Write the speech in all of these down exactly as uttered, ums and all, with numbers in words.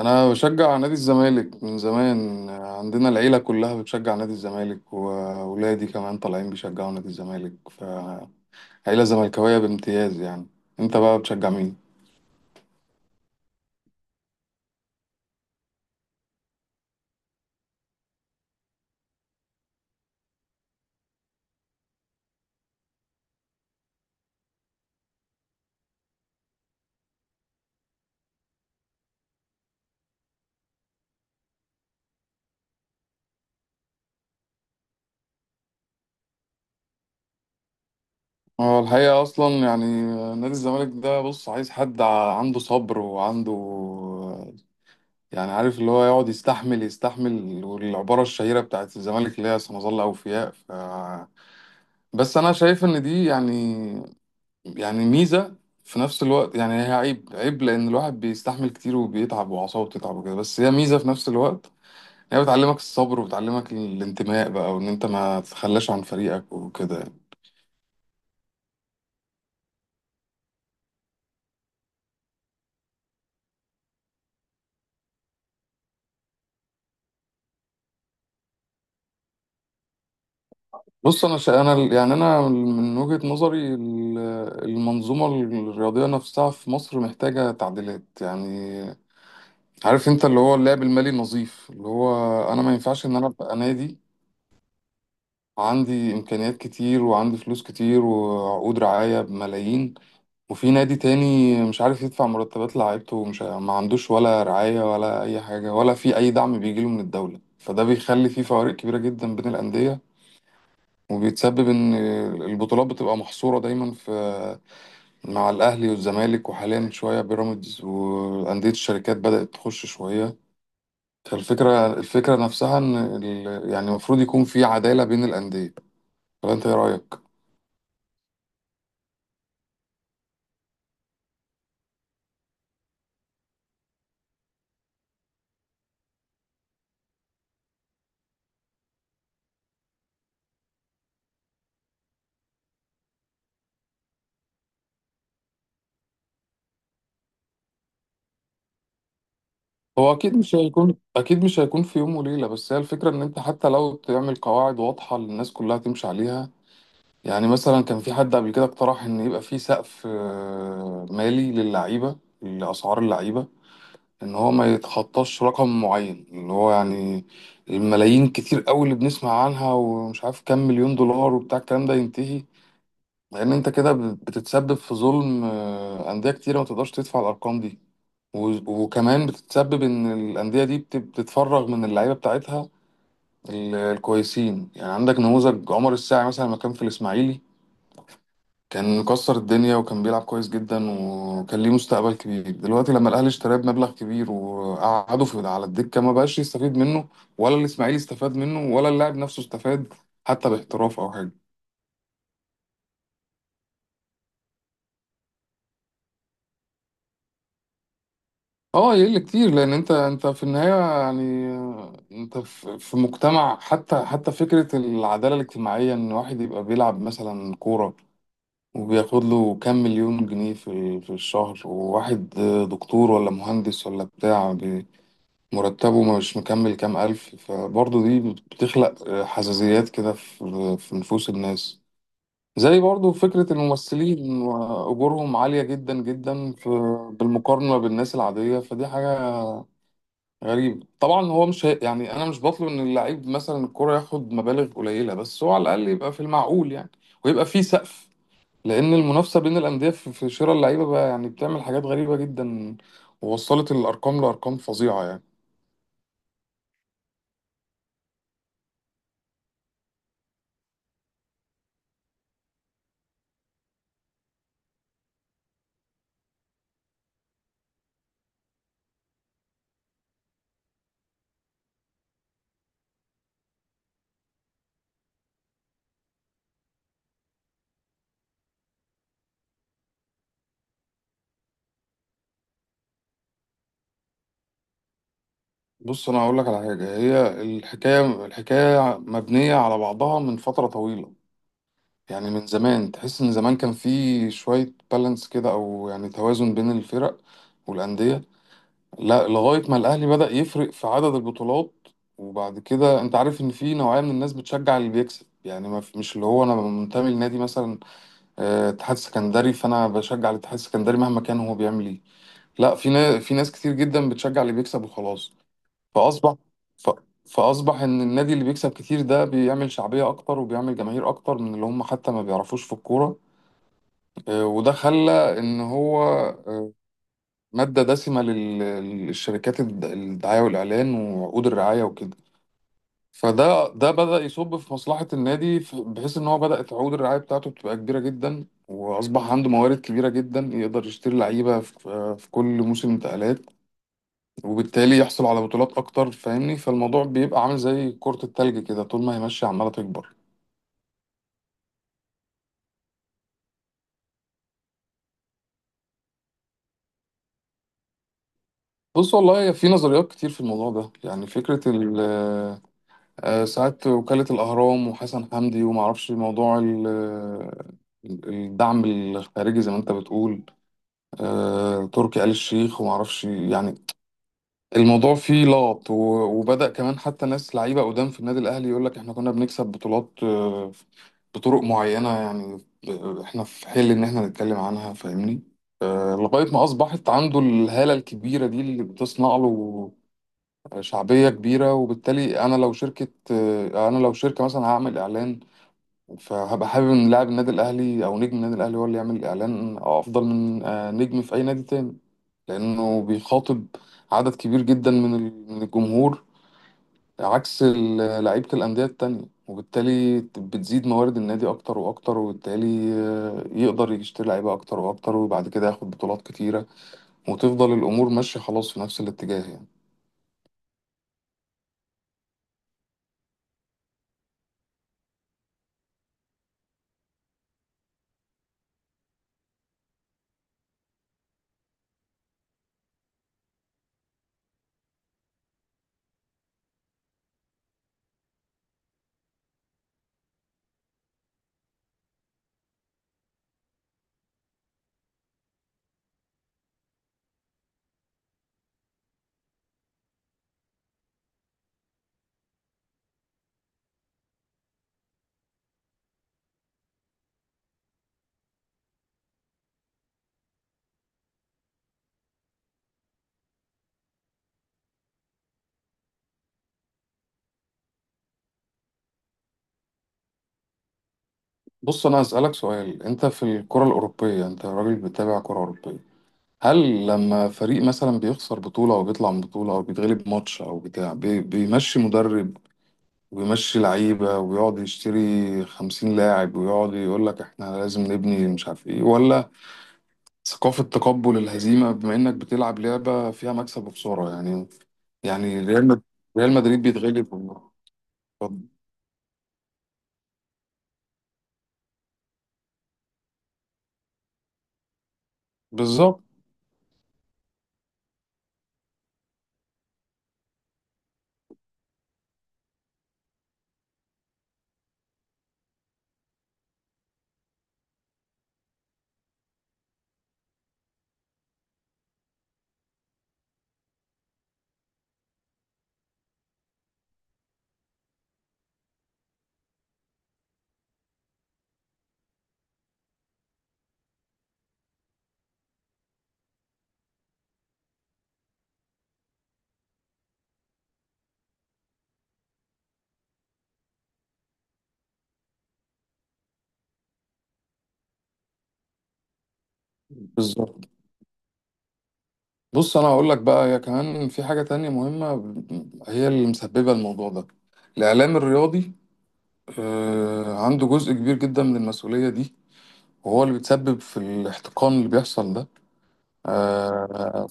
انا بشجع نادي الزمالك من زمان. عندنا العيله كلها بتشجع نادي الزمالك، واولادي كمان طالعين بيشجعوا نادي الزمالك، فعيله زملكاويه بامتياز يعني. انت بقى بتشجع مين؟ هو الحقيقه اصلا يعني نادي الزمالك ده، بص، عايز حد ع- عنده صبر وعنده، يعني عارف اللي هو يقعد يستحمل يستحمل، والعباره الشهيره بتاعت الزمالك اللي هي سنظل اوفياء، ف بس انا شايف ان دي يعني يعني ميزة في نفس الوقت. يعني هي عيب عيب، لأن الواحد بيستحمل كتير وبيتعب وأعصابه بتتعب وكده، بس هي ميزة في نفس الوقت. هي بتعلمك الصبر وبتعلمك الانتماء بقى، وإن أنت ما تتخلاش عن فريقك وكده يعني. بص، أنا شا... أنا ال- يعني أنا من وجهة نظري ال- المنظومة الرياضية نفسها في مصر محتاجة تعديلات يعني. عارف أنت اللي هو اللعب المالي نظيف، اللي هو أنا ما ينفعش إن أنا أبقى نادي عندي إمكانيات كتير وعندي فلوس كتير وعقود رعاية بملايين، وفي نادي تاني مش عارف يدفع مرتبات لعيبته ومش ما عندوش ولا رعاية ولا أي حاجة ولا في أي دعم بيجيله من الدولة. فده بيخلي في فوارق كبيرة جدا بين الأندية، وبيتسبب إن البطولات بتبقى محصورة دايما في، مع الأهلي والزمالك، وحاليا شوية بيراميدز وأندية الشركات بدأت تخش شوية. فالفكرة الفكرة نفسها إن ال- يعني المفروض يكون في عدالة بين الأندية. فأنت إيه رأيك؟ هو اكيد مش هيكون، اكيد مش هيكون في يوم وليله، بس هي الفكره ان انت حتى لو تعمل قواعد واضحه للناس كلها تمشي عليها. يعني مثلا كان في حد قبل كده اقترح ان يبقى في سقف آه، مالي للعيبه، لاسعار اللعيبه، ان هو ما يتخطاش رقم معين، اللي هو يعني الملايين كتير قوي اللي بنسمع عنها، ومش عارف كام مليون دولار وبتاع، الكلام ده ينتهي. لان انت كده بتتسبب في ظلم آه، انديه كتيره ما تقدرش تدفع الارقام دي. و- وكمان بتتسبب ان الانديه دي بت- بتتفرغ من اللعيبه بتاعتها ال- الكويسين. يعني عندك نموذج عمر الساعي مثلا، لما كان في الاسماعيلي كان مكسر الدنيا وكان بيلعب كويس جدا وكان ليه مستقبل كبير. دلوقتي لما الاهلي اشتراه بمبلغ كبير وقعده في على الدكه، ما بقاش يستفيد منه، ولا الاسماعيلي استفاد منه، ولا اللاعب نفسه استفاد حتى باحتراف او حاجه. اه، يقل كتير، لان انت انت في النهايه، يعني انت في في مجتمع، حتى حتى فكره العداله الاجتماعيه، ان واحد يبقى بيلعب مثلا كوره وبياخد له كام مليون جنيه في ال- في الشهر، وواحد دكتور ولا مهندس ولا بتاع بي- مرتبه مش مكمل كام الف، فبرضه دي بتخلق حساسيات كده في في نفوس الناس. زي برضه فكرة الممثلين وأجورهم عالية جدا جدا، في بالمقارنة بالناس العادية، فدي حاجة غريب طبعا. هو مش هي... يعني انا مش بطلب ان اللعيب مثلا الكرة ياخد مبالغ قليلة، بس هو على الاقل يبقى في المعقول يعني، ويبقى في سقف، لان المنافسة بين الاندية في في شراء اللعيبة بقى يعني بتعمل حاجات غريبة جدا، ووصلت الارقام لارقام فظيعة يعني. بص، انا هقول لك على حاجة. هي الحكاية، الحكاية مبنية على بعضها من فترة طويلة. يعني من زمان تحس ان زمان كان في شوية بالانس كده، او يعني توازن بين الفرق والأندية، لا، لغاية ما الأهلي بدأ يفرق في عدد البطولات. وبعد كده أنت عارف إن في نوعية من الناس بتشجع اللي بيكسب، يعني ما في- مش اللي هو أنا منتمي لنادي مثلا آه، اتحاد سكندري فأنا بشجع الاتحاد السكندري مهما كان هو بيعمل إيه، لا، في ناس، في ناس كتير جدا بتشجع اللي بيكسب وخلاص. فأصبح ف... فأصبح إن النادي اللي بيكسب كتير ده بيعمل شعبية أكتر وبيعمل جماهير أكتر من اللي هم حتى ما بيعرفوش في الكورة. آه، وده خلى إن هو آه، مادة دسمة لل- للشركات الد- الدعاية والإعلان وعقود الرعاية وكده. فده ده بدأ يصب في مصلحة النادي، ف- بحيث إن هو بدأت عقود الرعاية بتاعته بتبقى كبيرة جدا، وأصبح عنده موارد كبيرة جدا يقدر يشتري لعيبة في في كل موسم انتقالات، وبالتالي يحصل على بطولات أكتر، فاهمني. فالموضوع بيبقى عامل زي كرة التلج كده، طول ما هي ماشية عمالة تكبر. بص والله في نظريات كتير في الموضوع ده. يعني فكرة ال آه، ساعات وكالة الأهرام وحسن حمدي ومعرفش، موضوع ال- ال- الدعم الخارجي زي ما أنت بتقول، آه، تركي آل الشيخ ومعرفش يعني. الموضوع فيه لغط، و- وبدأ كمان حتى ناس لعيبة قدام في النادي الأهلي يقول لك إحنا كنا بنكسب بطولات آه، بطرق معينة يعني، ب- إحنا في حل إن إحنا نتكلم عنها، فاهمني. آه، لغاية ما أصبحت عنده الهالة الكبيرة دي اللي بتصنع له شعبية كبيرة. وبالتالي أنا لو شركة آه، أنا لو شركة مثلا هعمل إعلان، فهبقى حابب إن لاعب النادي الأهلي أو نجم النادي الأهلي هو اللي يعمل إعلان أفضل من آه، نجم في أي نادي تاني، لأنه بيخاطب عدد كبير جدا من ال- من الجمهور، عكس ال- لعيبة الأندية التانية. وبالتالي بتزيد موارد النادي أكتر وأكتر، وبالتالي آه، يقدر يشتري لعيبة أكتر وأكتر، وبعد كده ياخد بطولات كتيرة، وتفضل الأمور ماشية خلاص في نفس الاتجاه يعني. بص، انا هسألك سؤال. انت في الكرة الأوروبية، انت راجل بتتابع كرة أوروبية، هل لما فريق مثلا بيخسر بطولة او بيطلع من بطولة او بيتغلب ماتش او بتاع بي- بيمشي مدرب ويمشي لعيبة ويقعد يشتري خمسين لاعب ويقعد يقول لك احنا لازم نبني مش عارف ايه، ولا ثقافة تقبل الهزيمة بما انك بتلعب لعبة فيها مكسب وخسارة يعني؟ يعني ريال مد- ريال مدريد بيتغلب. بالظبط. بالظبط، بص انا هقول لك بقى. هي كمان في حاجة تانية مهمة ب- هي اللي مسببة الموضوع ده، الاعلام الرياضي آه، عنده جزء كبير جدا من المسؤولية دي، وهو اللي بيتسبب في الاحتقان اللي بيحصل ده. آه،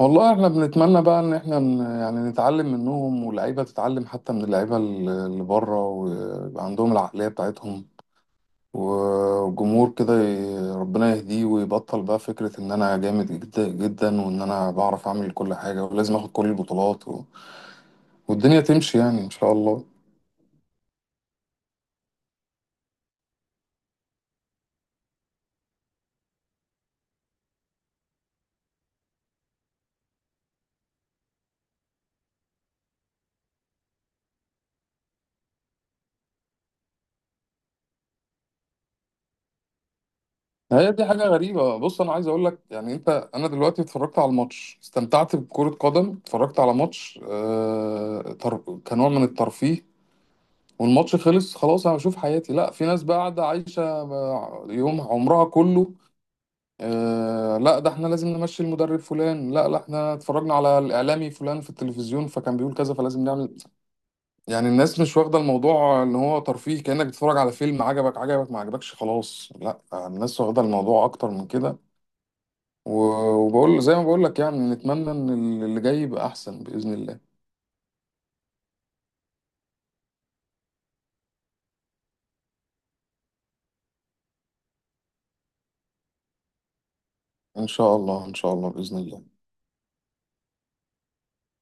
والله احنا بنتمنى بقى ان احنا ن- يعني نتعلم منهم، واللعيبة تتعلم حتى من اللعيبة اللي اللي بره وعندهم العقلية بتاعتهم. وجمهور كده ي- ربنا يهديه، ويبطل بقى فكرة إن أنا جامد جدا جدا، وإن أنا بعرف أعمل كل حاجة ولازم آخد كل البطولات و... والدنيا تمشي يعني إن شاء الله. هي دي حاجة غريبة. بص أنا عايز أقول لك يعني، أنت، أنا دلوقتي اتفرجت على الماتش، استمتعت بكرة قدم، اتفرجت على ماتش آه... تر... كنوع من الترفيه. والماتش خلص خلاص، أنا بشوف حياتي. لا، في ناس بقى قاعدة عايشة يوم عمرها كله. آه لا، ده احنا لازم نمشي المدرب فلان، لا لا احنا اتفرجنا على الاعلامي فلان في التلفزيون فكان بيقول كذا فلازم نعمل. يعني الناس مش واخده الموضوع ان هو ترفيه، كانك بتتفرج على فيلم، عجبك عجبك ما عجبكش خلاص. لا، الناس واخده الموضوع اكتر من كده. و- وبقول زي ما بقول لك يعني، نتمنى ان اللي جاي يبقى احسن باذن الله. ان شاء الله ان شاء الله باذن الله.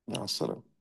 مع السلامه.